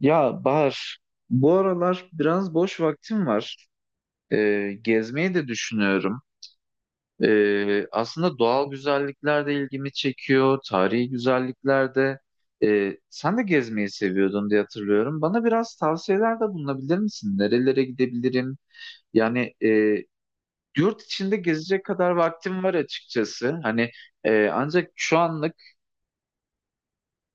Ya Bahar, bu aralar biraz boş vaktim var. Gezmeyi de düşünüyorum. Aslında doğal güzellikler de ilgimi çekiyor, tarihi güzellikler de. Sen de gezmeyi seviyordun diye hatırlıyorum. Bana biraz tavsiyelerde bulunabilir misin? Nerelere gidebilirim? Yani yurt içinde gezecek kadar vaktim var açıkçası. Hani ancak şu anlık.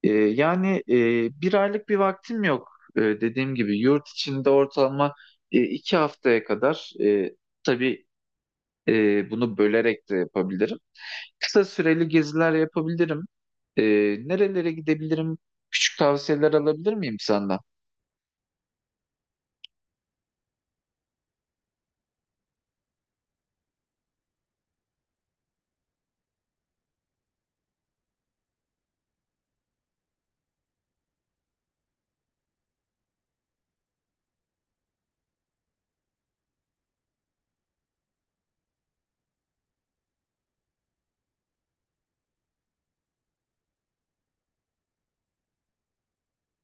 Yani bir aylık bir vaktim yok. Dediğim gibi yurt içinde ortalama iki haftaya kadar, tabii bunu bölerek de yapabilirim. Kısa süreli geziler yapabilirim. Ee, Nerelere gidebilirim? Küçük tavsiyeler alabilir miyim senden?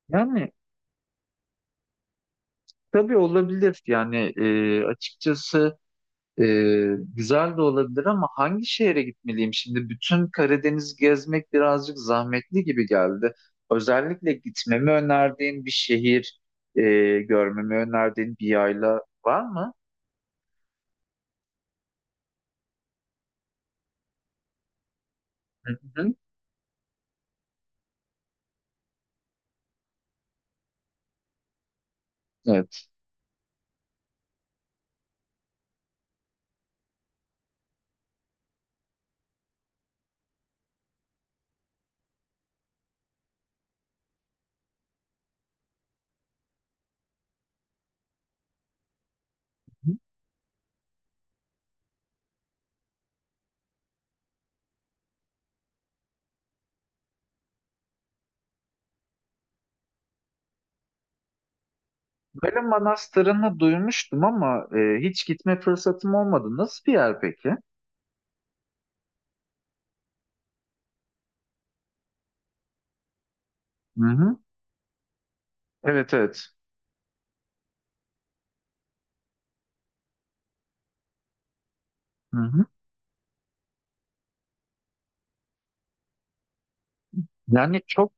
Yani tabii olabilir. Yani açıkçası. Güzel de olabilir ama hangi şehre gitmeliyim şimdi? Bütün Karadeniz gezmek birazcık zahmetli gibi geldi. Özellikle gitmemi önerdiğin bir şehir, e, görmemi önerdiğin bir yayla var mı? Hı hı. Evet. Böyle manastırını duymuştum ama hiç gitme fırsatım olmadı. Nasıl bir yer peki? Hı hı. Evet, evet. Hı hı. Yani çok.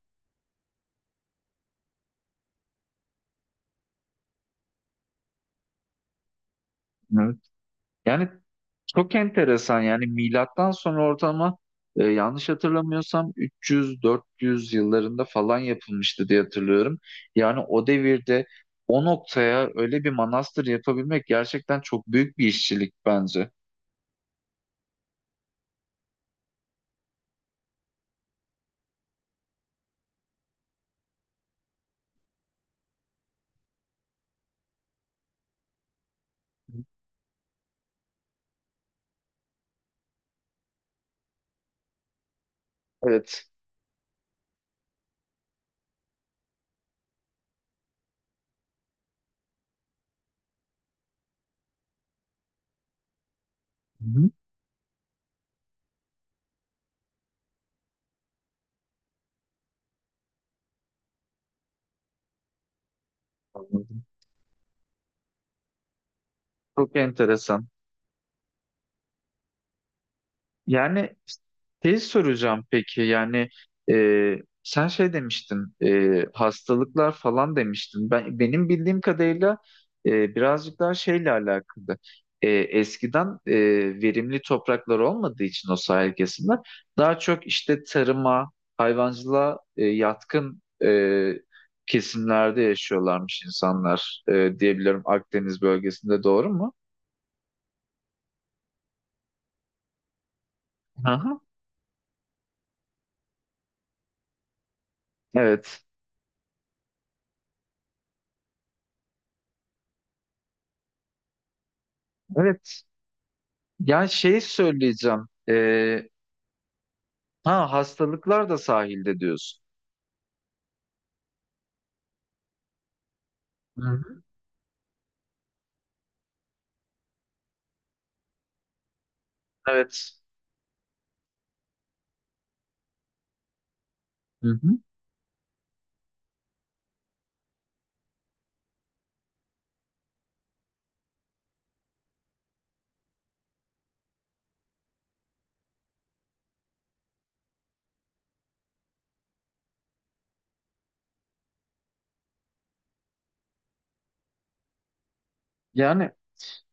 Evet. Yani çok enteresan yani milattan sonra ortalama yanlış hatırlamıyorsam 300-400 yıllarında falan yapılmıştı diye hatırlıyorum. Yani o devirde o noktaya öyle bir manastır yapabilmek gerçekten çok büyük bir işçilik bence. Evet. Hı hı. Anladım. Çok enteresan. Yani tez soracağım peki yani, e, sen şey demiştin, hastalıklar falan demiştin. Benim bildiğim kadarıyla birazcık daha şeyle alakalı. Eskiden verimli topraklar olmadığı için o sahil kesimler daha çok işte tarıma, hayvancılığa yatkın kesimlerde yaşıyorlarmış insanlar, diyebilirim. Akdeniz bölgesinde doğru mu? Aha, evet. Evet. Ya şey söyleyeceğim. Ha, hastalıklar da sahilde diyorsun. Hı hı. Evet. Hı hı. Yani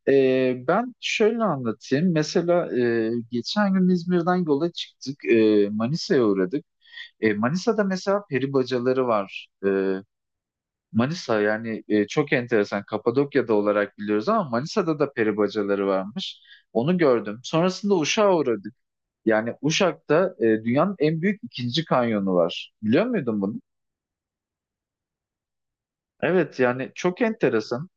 ben şöyle anlatayım. Mesela geçen gün İzmir'den yola çıktık. Manisa'ya uğradık. Manisa'da mesela peri bacaları var. Manisa yani çok enteresan. Kapadokya'da olarak biliyoruz ama Manisa'da da peri bacaları varmış. Onu gördüm. Sonrasında Uşak'a uğradık. Yani Uşak'ta dünyanın en büyük ikinci kanyonu var. Biliyor muydun bunu? Evet, yani çok enteresan.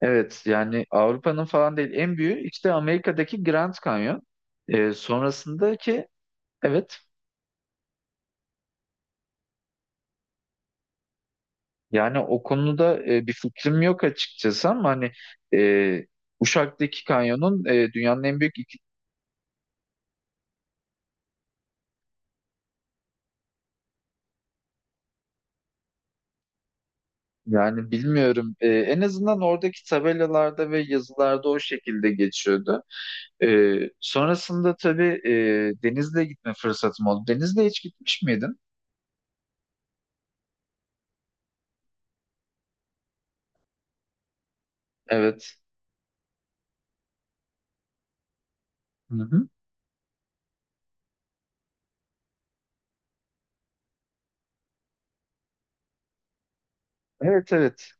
Evet, yani Avrupa'nın falan değil, en büyüğü işte Amerika'daki Grand Canyon. Sonrasındaki evet, yani o konuda bir fikrim yok açıkçası ama hani, e, Uşak'taki kanyonun dünyanın en büyük yani bilmiyorum. En azından oradaki tabelalarda ve yazılarda o şekilde geçiyordu. E, Sonrasında tabii Denizli'ye gitme fırsatım oldu. Denizli'ye hiç gitmiş miydin? Evet. Hı hı. Evet, evet.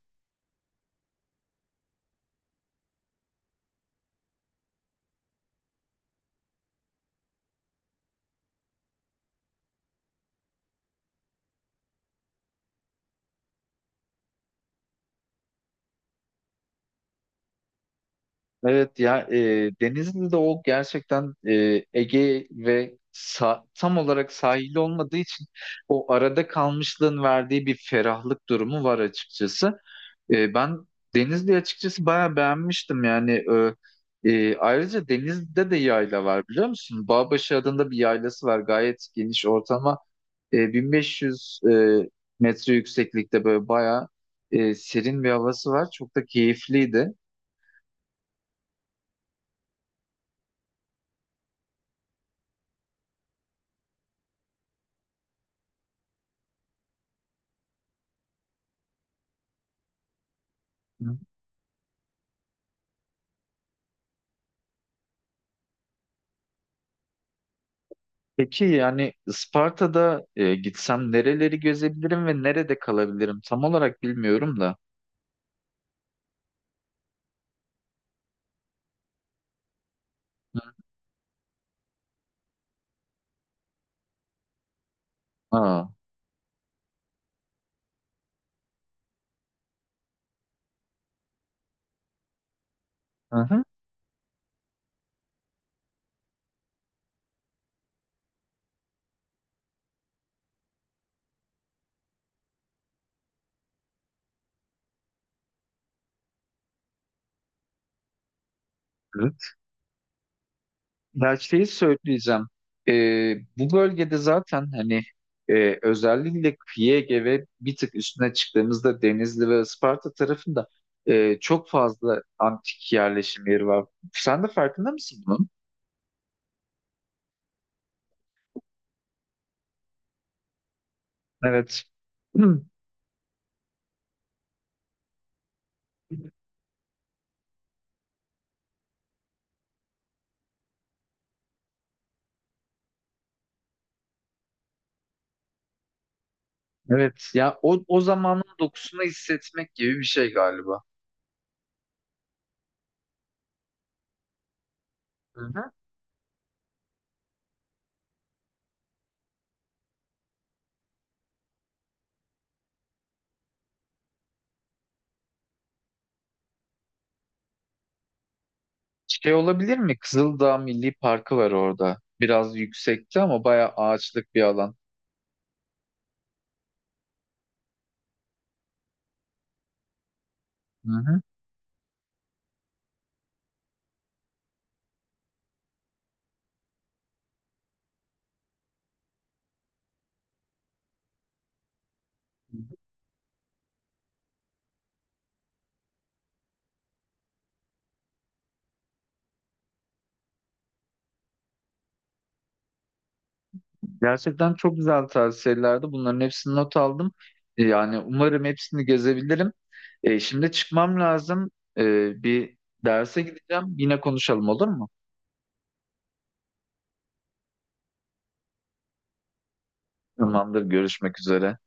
Evet ya, Denizli'de o gerçekten Ege ve tam olarak sahili olmadığı için o arada kalmışlığın verdiği bir ferahlık durumu var açıkçası. Ben Denizli'yi açıkçası bayağı beğenmiştim yani. Ayrıca Denizli'de de yayla var biliyor musun? Bağbaşı adında bir yaylası var, gayet geniş ortama 1500 metre yükseklikte, böyle bayağı serin bir havası var, çok da keyifliydi. Peki yani Isparta'da gitsem nereleri gezebilirim ve nerede kalabilirim? Tam olarak bilmiyorum da. Hı. Aa, hı hı. Evet. Ya şeyi söyleyeceğim. Bu bölgede zaten hani özellikle kıyı Ege ve bir tık üstüne çıktığımızda Denizli ve Isparta tarafında çok fazla antik yerleşim yeri var. Sen de farkında mısın bunun? Evet. Hı. Evet. Ya o zamanın dokusunu hissetmek gibi bir şey galiba. Şey olabilir mi? Kızıldağ Milli Parkı var orada. Biraz yüksekte ama bayağı ağaçlık bir alan. Hı hı. Gerçekten çok güzel tavsiyelerdi. Bunların hepsini not aldım. Yani umarım hepsini gezebilirim. Şimdi çıkmam lazım. E, Bir derse gideceğim. Yine konuşalım, olur mu? Tamamdır. Görüşmek üzere.